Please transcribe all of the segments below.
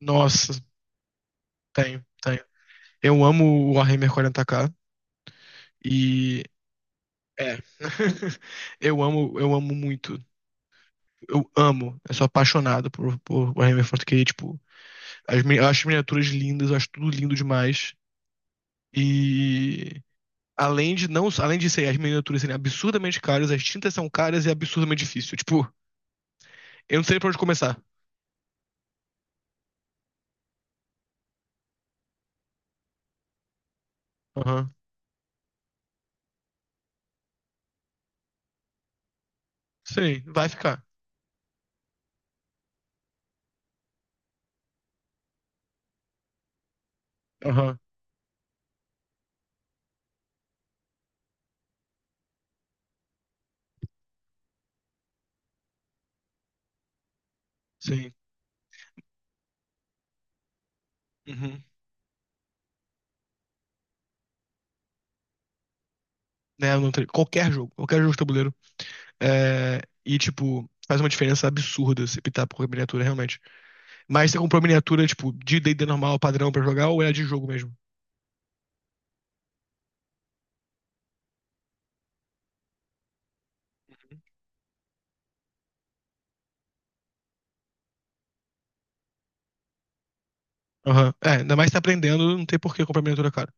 Nossa, tenho, tenho. Eu amo o Warhammer 40k e é. Eu amo muito. Eu sou apaixonado por Warhammer 40k, tipo, eu acho as miniaturas lindas, eu acho tudo lindo demais. E além de não, além de ser as miniaturas serem absurdamente caras, as tintas são caras e é absurdamente difícil. Tipo, eu não sei pra onde começar. Aham. Sim, vai ficar. Aham. Sim. Uhum. Né, eu não tenho- qualquer jogo de tabuleiro. É, e, tipo, faz uma diferença absurda se optar por miniatura, realmente. Mas você comprou miniatura, tipo, de D&D normal, padrão pra jogar, ou é de jogo mesmo? Aham. É, ainda mais se tá aprendendo, não tem por que comprar miniatura cara.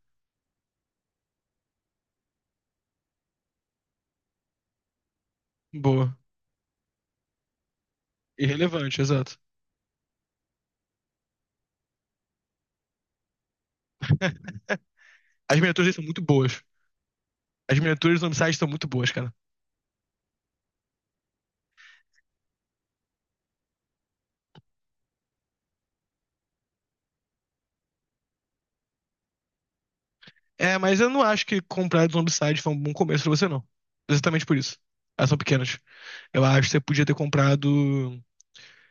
Boa. Irrelevante, exato. As miniaturas são muito boas. As miniaturas do Zombicide são muito boas, cara. É, mas eu não acho que comprar do Zombicide foi um bom começo pra você, não. Exatamente por isso. Elas são pequenas. Eu acho que você podia ter comprado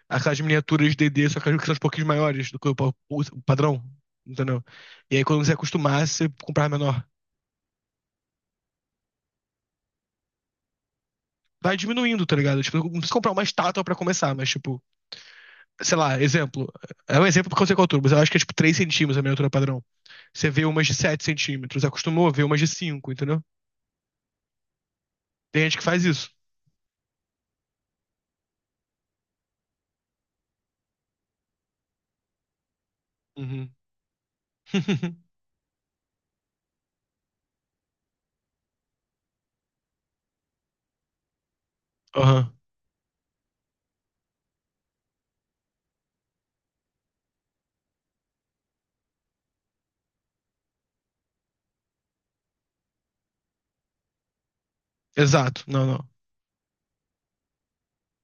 aquelas miniaturas de DD, só que elas são um pouquinho maiores do que o padrão, entendeu? E aí quando você acostumar, você comprar menor. Vai diminuindo, tá ligado? Tipo, não precisa comprar uma estátua pra começar, mas tipo, sei lá, exemplo. É um exemplo porque eu sei qual é altura, mas eu acho que é tipo 3 centímetros a miniatura padrão. Você vê umas de 7 centímetros, acostumou a ver umas de 5, entendeu? Tem gente que faz isso. Uhum. Aham. Exato, não, não.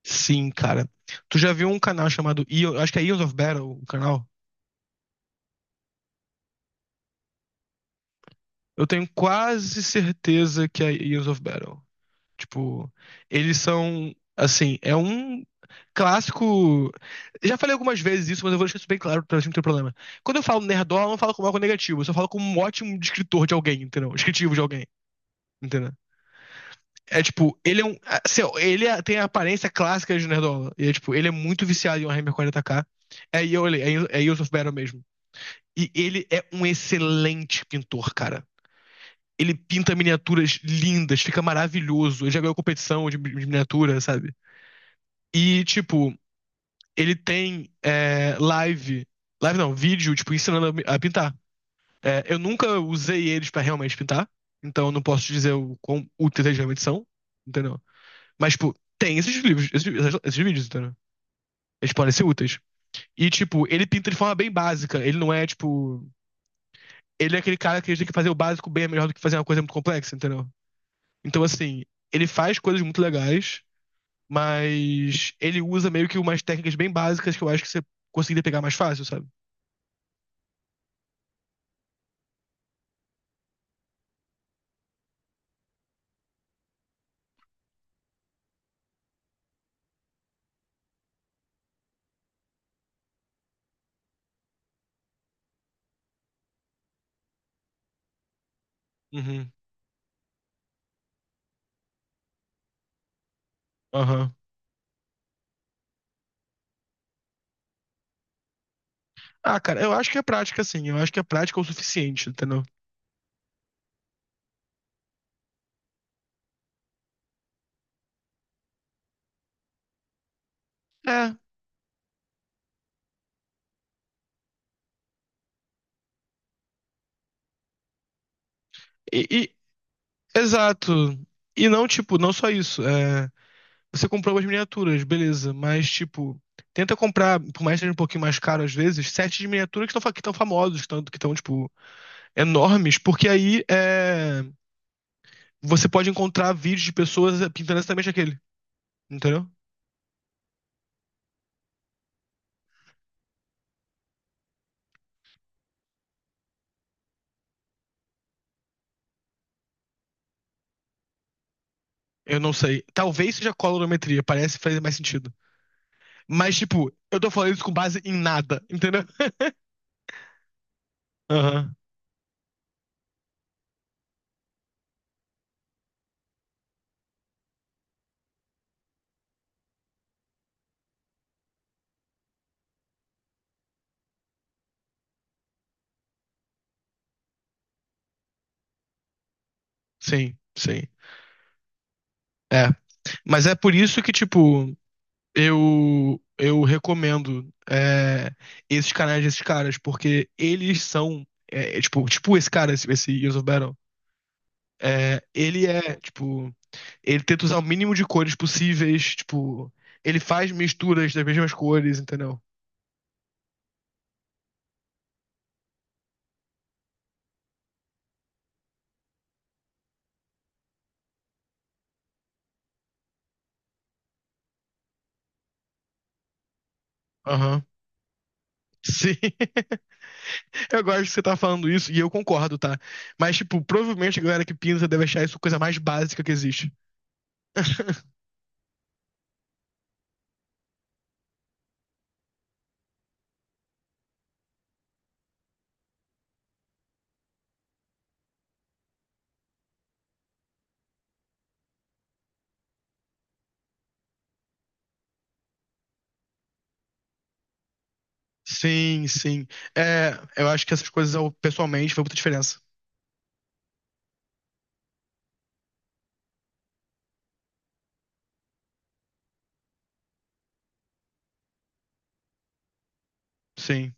Sim, cara. Tu já viu um canal chamado, acho que é Eons of Battle, o canal? Eu tenho quase certeza que é Years of Battle. Tipo, eles são, assim, é um clássico. Já falei algumas vezes isso, mas eu vou deixar isso bem claro pra gente não ter problema. Quando eu falo nerdola, eu não falo como algo negativo, eu só falo como um ótimo descritor de alguém, entendeu? Um descritivo de alguém, entendeu? É tipo, ele é um, assim, ó, tem a aparência clássica de nerdola. E é tipo, ele é muito viciado em Warhammer 40k. É, é Years of Battle mesmo. E ele é um excelente pintor, cara. Ele pinta miniaturas lindas, fica maravilhoso. Ele já ganhou competição de miniatura, sabe? E, tipo, ele tem live. Live não, vídeo, tipo, ensinando a pintar. É, eu nunca usei eles pra realmente pintar. Então eu não posso te dizer o quão úteis eles realmente são. Entendeu? Mas, tipo, tem esses livros, esses vídeos, entendeu? Eles podem ser úteis. E, tipo, ele pinta de forma bem básica. Ele não é, tipo. Ele é aquele cara que tem que fazer o básico bem é melhor do que fazer uma coisa muito complexa, entendeu? Então, assim, ele faz coisas muito legais. Mas ele usa meio que umas técnicas bem básicas que eu acho que você conseguiria pegar mais fácil, sabe? Uhum. Aham. Ah, cara, eu acho que é prática, sim. Eu acho que a prática é o suficiente, entendeu? É. E, exato. E não, tipo, não só isso. É, você comprou umas miniaturas, beleza, mas, tipo, tenta comprar, por mais que seja um pouquinho mais caro às vezes, sets de miniaturas que estão famosos, tanto que estão, tipo, enormes, porque aí você pode encontrar vídeos de pessoas pintando exatamente aquele, entendeu? Eu não sei. Talvez seja colorimetria, parece fazer mais sentido. Mas, tipo, eu tô falando isso com base em nada, entendeu? Aham, sim, sim. É, mas é por isso que, tipo, eu recomendo esses canais desses caras, porque eles são, tipo esse cara, esse Years of Battle. É, ele é, tipo, ele tenta usar o mínimo de cores possíveis, tipo, ele faz misturas das mesmas cores, entendeu? Aham. Sim, eu gosto que você tá falando isso e eu concordo, tá? Mas, tipo, provavelmente a galera que pinta deve achar isso a coisa mais básica que existe. Sim, sim. É, eu acho que essas coisas, eu, pessoalmente, faz muita diferença. Sim.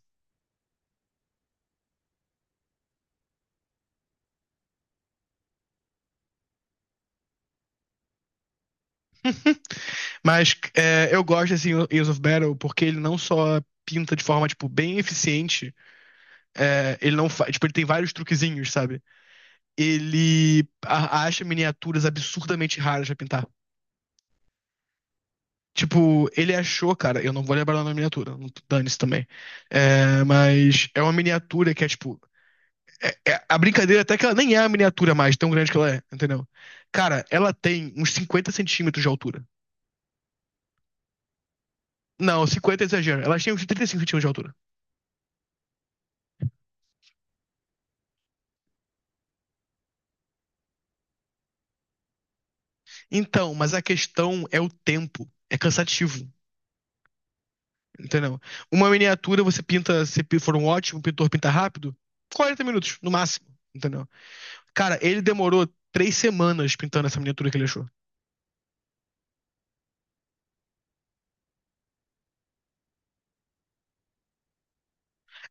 Mas é, eu gosto desse Years of Battle porque ele não só pinta de forma, tipo, bem eficiente. É, ele não faz. Tipo, ele tem vários truquezinhos, sabe? Ele acha miniaturas absurdamente raras pra pintar. Tipo, ele achou, cara, eu não vou lembrar o nome da miniatura, dane-se também. É, mas é uma miniatura que é, tipo. A brincadeira até que ela nem é a miniatura mais, tão grande que ela é, entendeu? Cara, ela tem uns 50 centímetros de altura. Não, 50 é exagero. Ela tem uns 35 centímetros de altura. Então, mas a questão é o tempo. É cansativo, entendeu? Uma miniatura você pinta, se for um ótimo pintor pinta rápido, 40 minutos, no máximo, entendeu? Cara, ele demorou 3 semanas pintando essa miniatura que ele achou.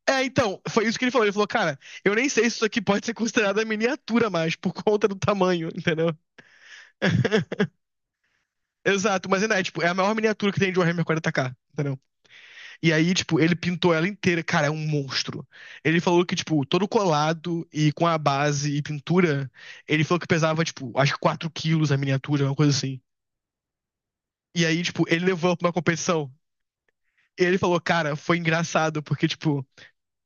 É, então, foi isso que ele falou. Ele falou, cara, eu nem sei se isso aqui pode ser considerada miniatura mais, por conta do tamanho, entendeu? Exato, mas ainda é, tipo, é a maior miniatura que tem de Warhammer 40k, entendeu? E aí, tipo, ele pintou ela inteira. Cara, é um monstro. Ele falou que, tipo, todo colado e com a base e pintura, ele falou que pesava, tipo, acho que 4 quilos a miniatura, uma coisa assim. E aí, tipo, ele levou ela pra uma competição. E ele falou, cara, foi engraçado, porque, tipo,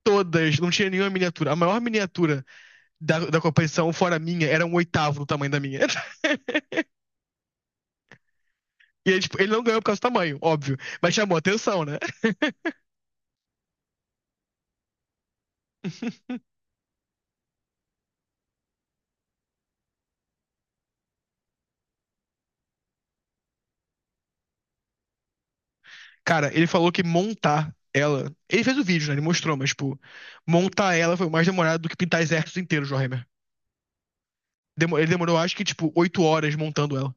todas, não tinha nenhuma miniatura. A maior miniatura da competição, fora a minha, era um oitavo do tamanho da minha. E aí, tipo, ele não ganhou por causa do tamanho, óbvio. Mas chamou atenção, né? Cara, ele falou que montar ela. Ele fez o vídeo, né? Ele mostrou, mas, tipo, montar ela foi mais demorado do que pintar exércitos inteiros de Warhammer. Ele demorou, acho que, tipo, 8 horas montando ela.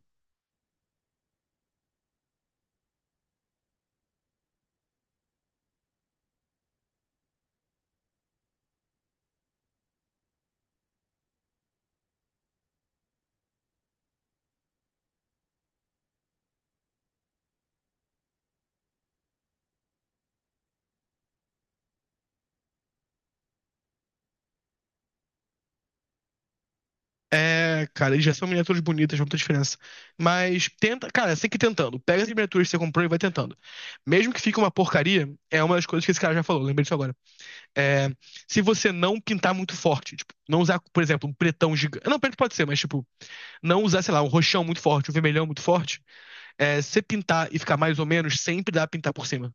É, cara, eles já são miniaturas bonitas, não tem diferença. Mas tenta, cara, você tem que ir tentando. Pega as miniaturas que você comprou e vai tentando. Mesmo que fique uma porcaria, é uma das coisas que esse cara já falou, lembrei disso agora. É, se você não pintar muito forte, tipo, não usar, por exemplo, um pretão gigante. Não, preto pode ser, mas, tipo, não usar, sei lá, um roxão muito forte, um vermelhão muito forte. É, se pintar e ficar mais ou menos, sempre dá pra pintar por cima.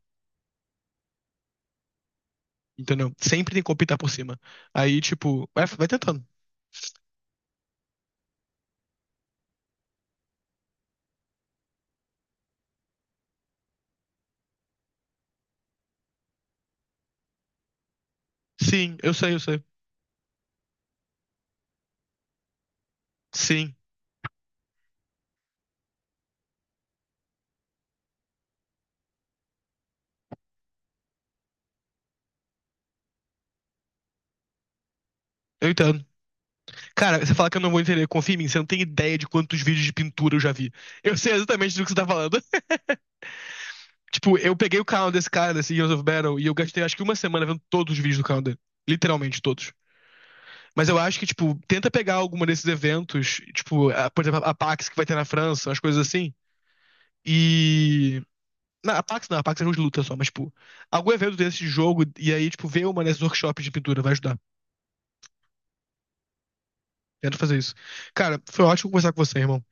Entendeu? Sempre tem como pintar por cima. Aí, tipo, vai, vai tentando. Sim, eu sei, eu sei. Sim, eu entendo. Cara, você fala que eu não vou entender, confia em mim, você não tem ideia de quantos vídeos de pintura eu já vi. Eu sei exatamente do que você tá falando. Tipo, eu peguei o canal desse cara, desse Heroes of Battle, e eu gastei acho que uma semana vendo todos os vídeos do canal dele. Literalmente todos. Mas eu acho que, tipo, tenta pegar alguma desses eventos, tipo, por exemplo, a PAX que vai ter na França, umas coisas assim, e Não, a Pax não, a Pax é jogo de luta só, mas, tipo, algum evento desse de jogo, e aí, tipo, ver uma desses workshops de pintura vai ajudar. Tenta fazer isso. Cara, foi ótimo conversar com você, irmão.